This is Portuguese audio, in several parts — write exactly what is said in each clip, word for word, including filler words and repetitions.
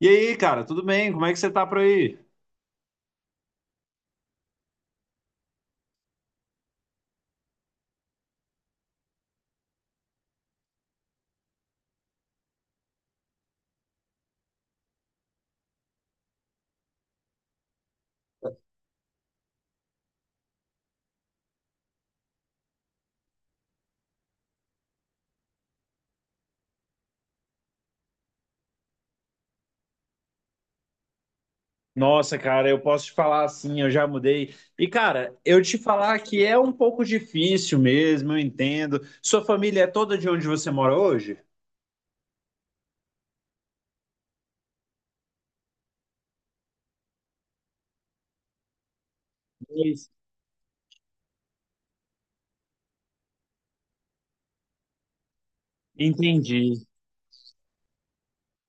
E aí, cara, tudo bem? Como é que você tá por aí? Nossa, cara, eu posso te falar assim, eu já mudei. E, cara, eu te falar que é um pouco difícil mesmo, eu entendo. Sua família é toda de onde você mora hoje? Pois. Entendi.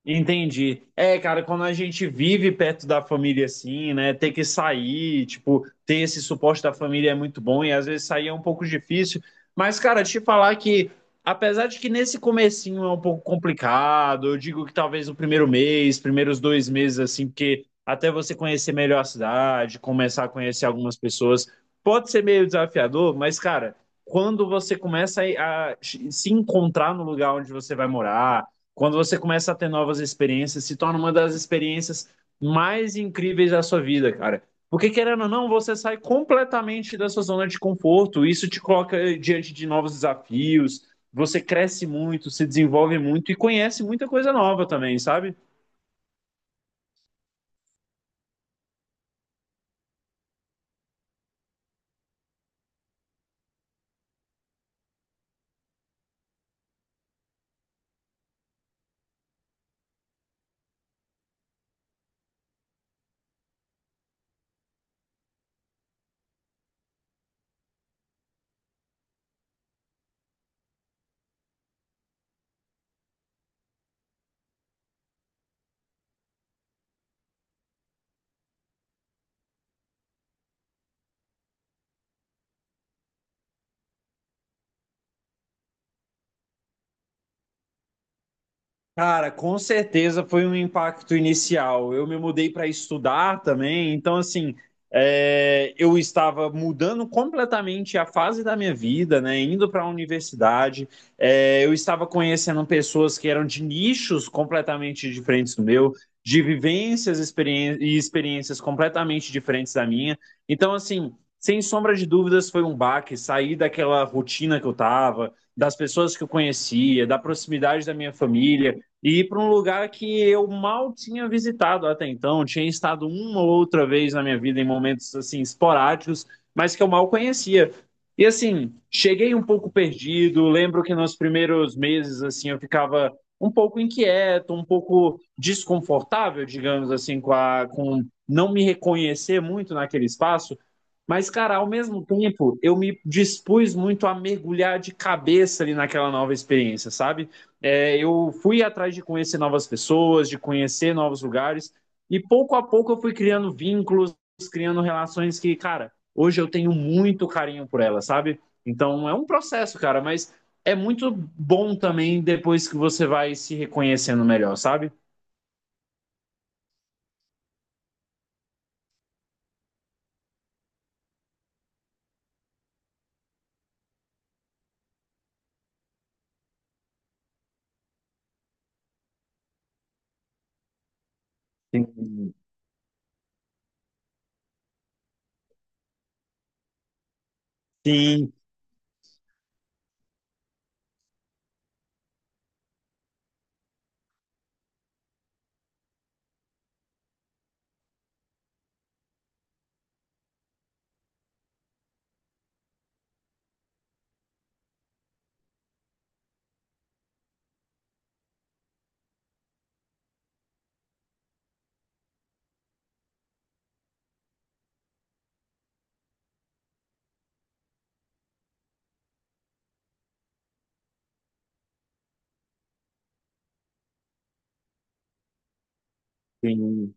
Entendi. É, cara, quando a gente vive perto da família assim, né, ter que sair, tipo, ter esse suporte da família é muito bom e às vezes sair é um pouco difícil. Mas, cara, te falar que, apesar de que nesse comecinho é um pouco complicado, eu digo que talvez o primeiro mês, primeiros dois meses, assim, porque até você conhecer melhor a cidade, começar a conhecer algumas pessoas, pode ser meio desafiador, mas, cara, quando você começa a a se encontrar no lugar onde você vai morar, quando você começa a ter novas experiências, se torna uma das experiências mais incríveis da sua vida, cara. Porque, querendo ou não, você sai completamente da sua zona de conforto. Isso te coloca diante de novos desafios. Você cresce muito, se desenvolve muito e conhece muita coisa nova também, sabe? Cara, com certeza foi um impacto inicial. Eu me mudei para estudar também, então, assim, é, eu estava mudando completamente a fase da minha vida, né? Indo para a universidade. É, eu estava conhecendo pessoas que eram de nichos completamente diferentes do meu, de vivências experien- e experiências completamente diferentes da minha. Então, assim, sem sombra de dúvidas, foi um baque sair daquela rotina que eu estava, das pessoas que eu conhecia, da proximidade da minha família e ir para um lugar que eu mal tinha visitado até então. Tinha estado uma ou outra vez na minha vida em momentos assim esporádicos, mas que eu mal conhecia. E assim, cheguei um pouco perdido. Lembro que nos primeiros meses assim eu ficava um pouco inquieto, um pouco desconfortável, digamos assim, com, a, com não me reconhecer muito naquele espaço. Mas, cara, ao mesmo tempo, eu me dispus muito a mergulhar de cabeça ali naquela nova experiência, sabe? É, eu fui atrás de conhecer novas pessoas, de conhecer novos lugares, e pouco a pouco eu fui criando vínculos, criando relações que, cara, hoje eu tenho muito carinho por elas, sabe? Então é um processo, cara, mas é muito bom também depois que você vai se reconhecendo melhor, sabe? Sim, sim, sim.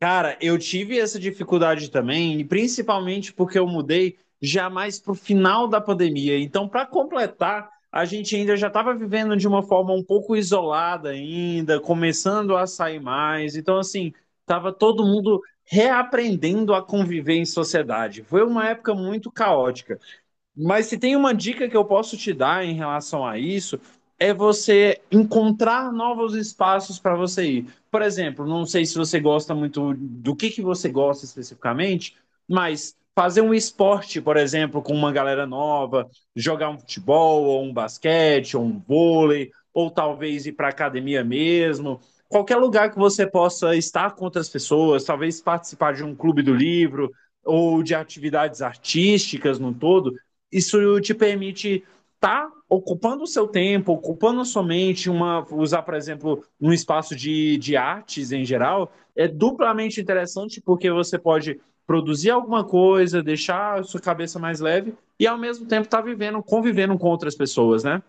Cara, eu tive essa dificuldade também, e principalmente porque eu mudei já mais para o final da pandemia. Então, para completar, a gente ainda já estava vivendo de uma forma um pouco isolada ainda, começando a sair mais. Então, assim, estava todo mundo reaprendendo a conviver em sociedade. Foi uma época muito caótica. Mas se tem uma dica que eu posso te dar em relação a isso, é você encontrar novos espaços para você ir. Por exemplo, não sei se você gosta muito do que que você gosta especificamente, mas fazer um esporte, por exemplo, com uma galera nova, jogar um futebol, ou um basquete, ou um vôlei, ou talvez ir para academia mesmo. Qualquer lugar que você possa estar com outras pessoas, talvez participar de um clube do livro ou de atividades artísticas no todo, isso te permite estar tá ocupando o seu tempo, ocupando a sua mente, uma, usar, por exemplo, um espaço de, de artes em geral, é duplamente interessante porque você pode produzir alguma coisa, deixar a sua cabeça mais leve e ao mesmo tempo estar tá vivendo, convivendo com outras pessoas, né?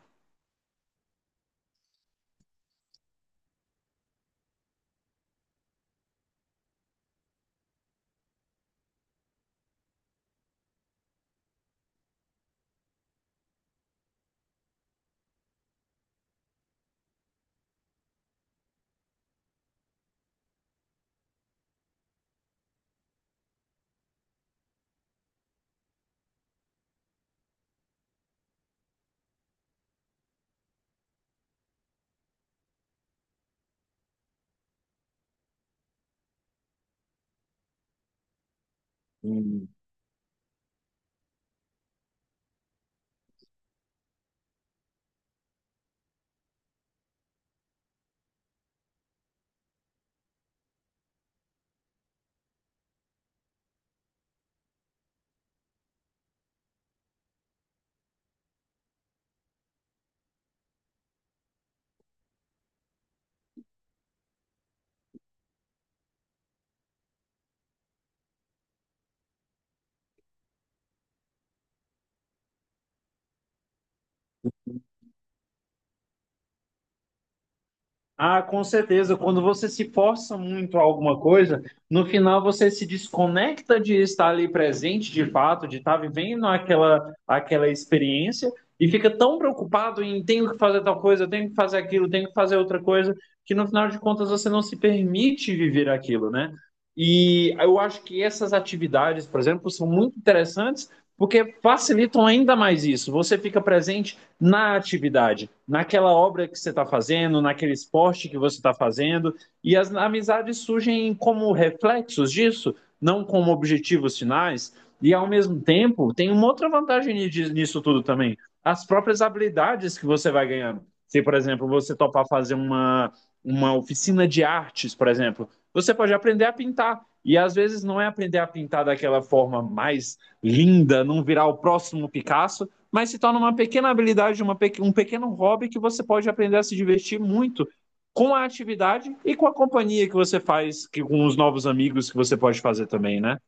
Ah, com certeza. Quando você se força muito a alguma coisa, no final você se desconecta de estar ali presente de fato, de estar vivendo aquela, aquela experiência e fica tão preocupado em tenho que fazer tal coisa, tenho que fazer aquilo, tenho que fazer outra coisa, que no final de contas você não se permite viver aquilo, né? E eu acho que essas atividades, por exemplo, são muito interessantes porque facilitam ainda mais isso. Você fica presente na atividade, naquela obra que você está fazendo, naquele esporte que você está fazendo, e as amizades surgem como reflexos disso, não como objetivos finais. E ao mesmo tempo, tem uma outra vantagem nisso tudo também: as próprias habilidades que você vai ganhando. Se, por exemplo, você topar fazer uma, uma oficina de artes, por exemplo, você pode aprender a pintar. E às vezes não é aprender a pintar daquela forma mais linda, não virar o próximo Picasso, mas se torna uma pequena habilidade, uma pe... um pequeno hobby que você pode aprender a se divertir muito com a atividade e com a companhia que você faz, que, com os novos amigos que você pode fazer também, né?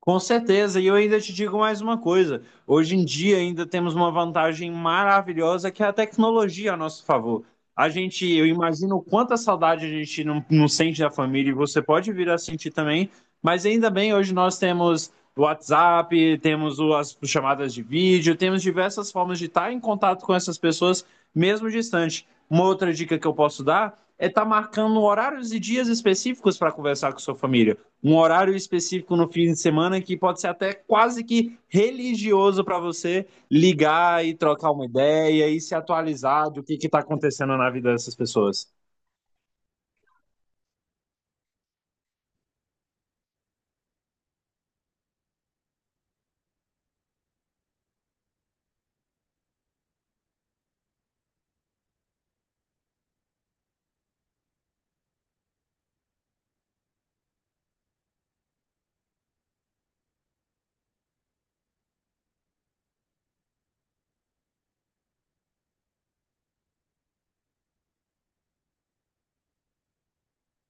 Com certeza, e eu ainda te digo mais uma coisa. Hoje em dia ainda temos uma vantagem maravilhosa que é a tecnologia a nosso favor. A gente, eu imagino quanta saudade a gente não, não sente da família e você pode vir a sentir também, mas ainda bem, hoje nós temos o WhatsApp, temos o- as chamadas de vídeo, temos diversas formas de estar em contato com essas pessoas, mesmo distante. Uma outra dica que eu posso dar é estar marcando horários e dias específicos para conversar com sua família, um horário específico no fim de semana que pode ser até quase que religioso para você ligar e trocar uma ideia e se atualizar do que está acontecendo na vida dessas pessoas.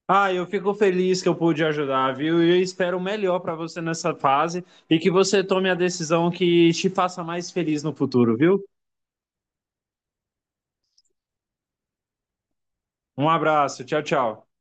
Ah, eu fico feliz que eu pude ajudar, viu? E eu espero o melhor para você nessa fase e que você tome a decisão que te faça mais feliz no futuro, viu? Um abraço, tchau, tchau.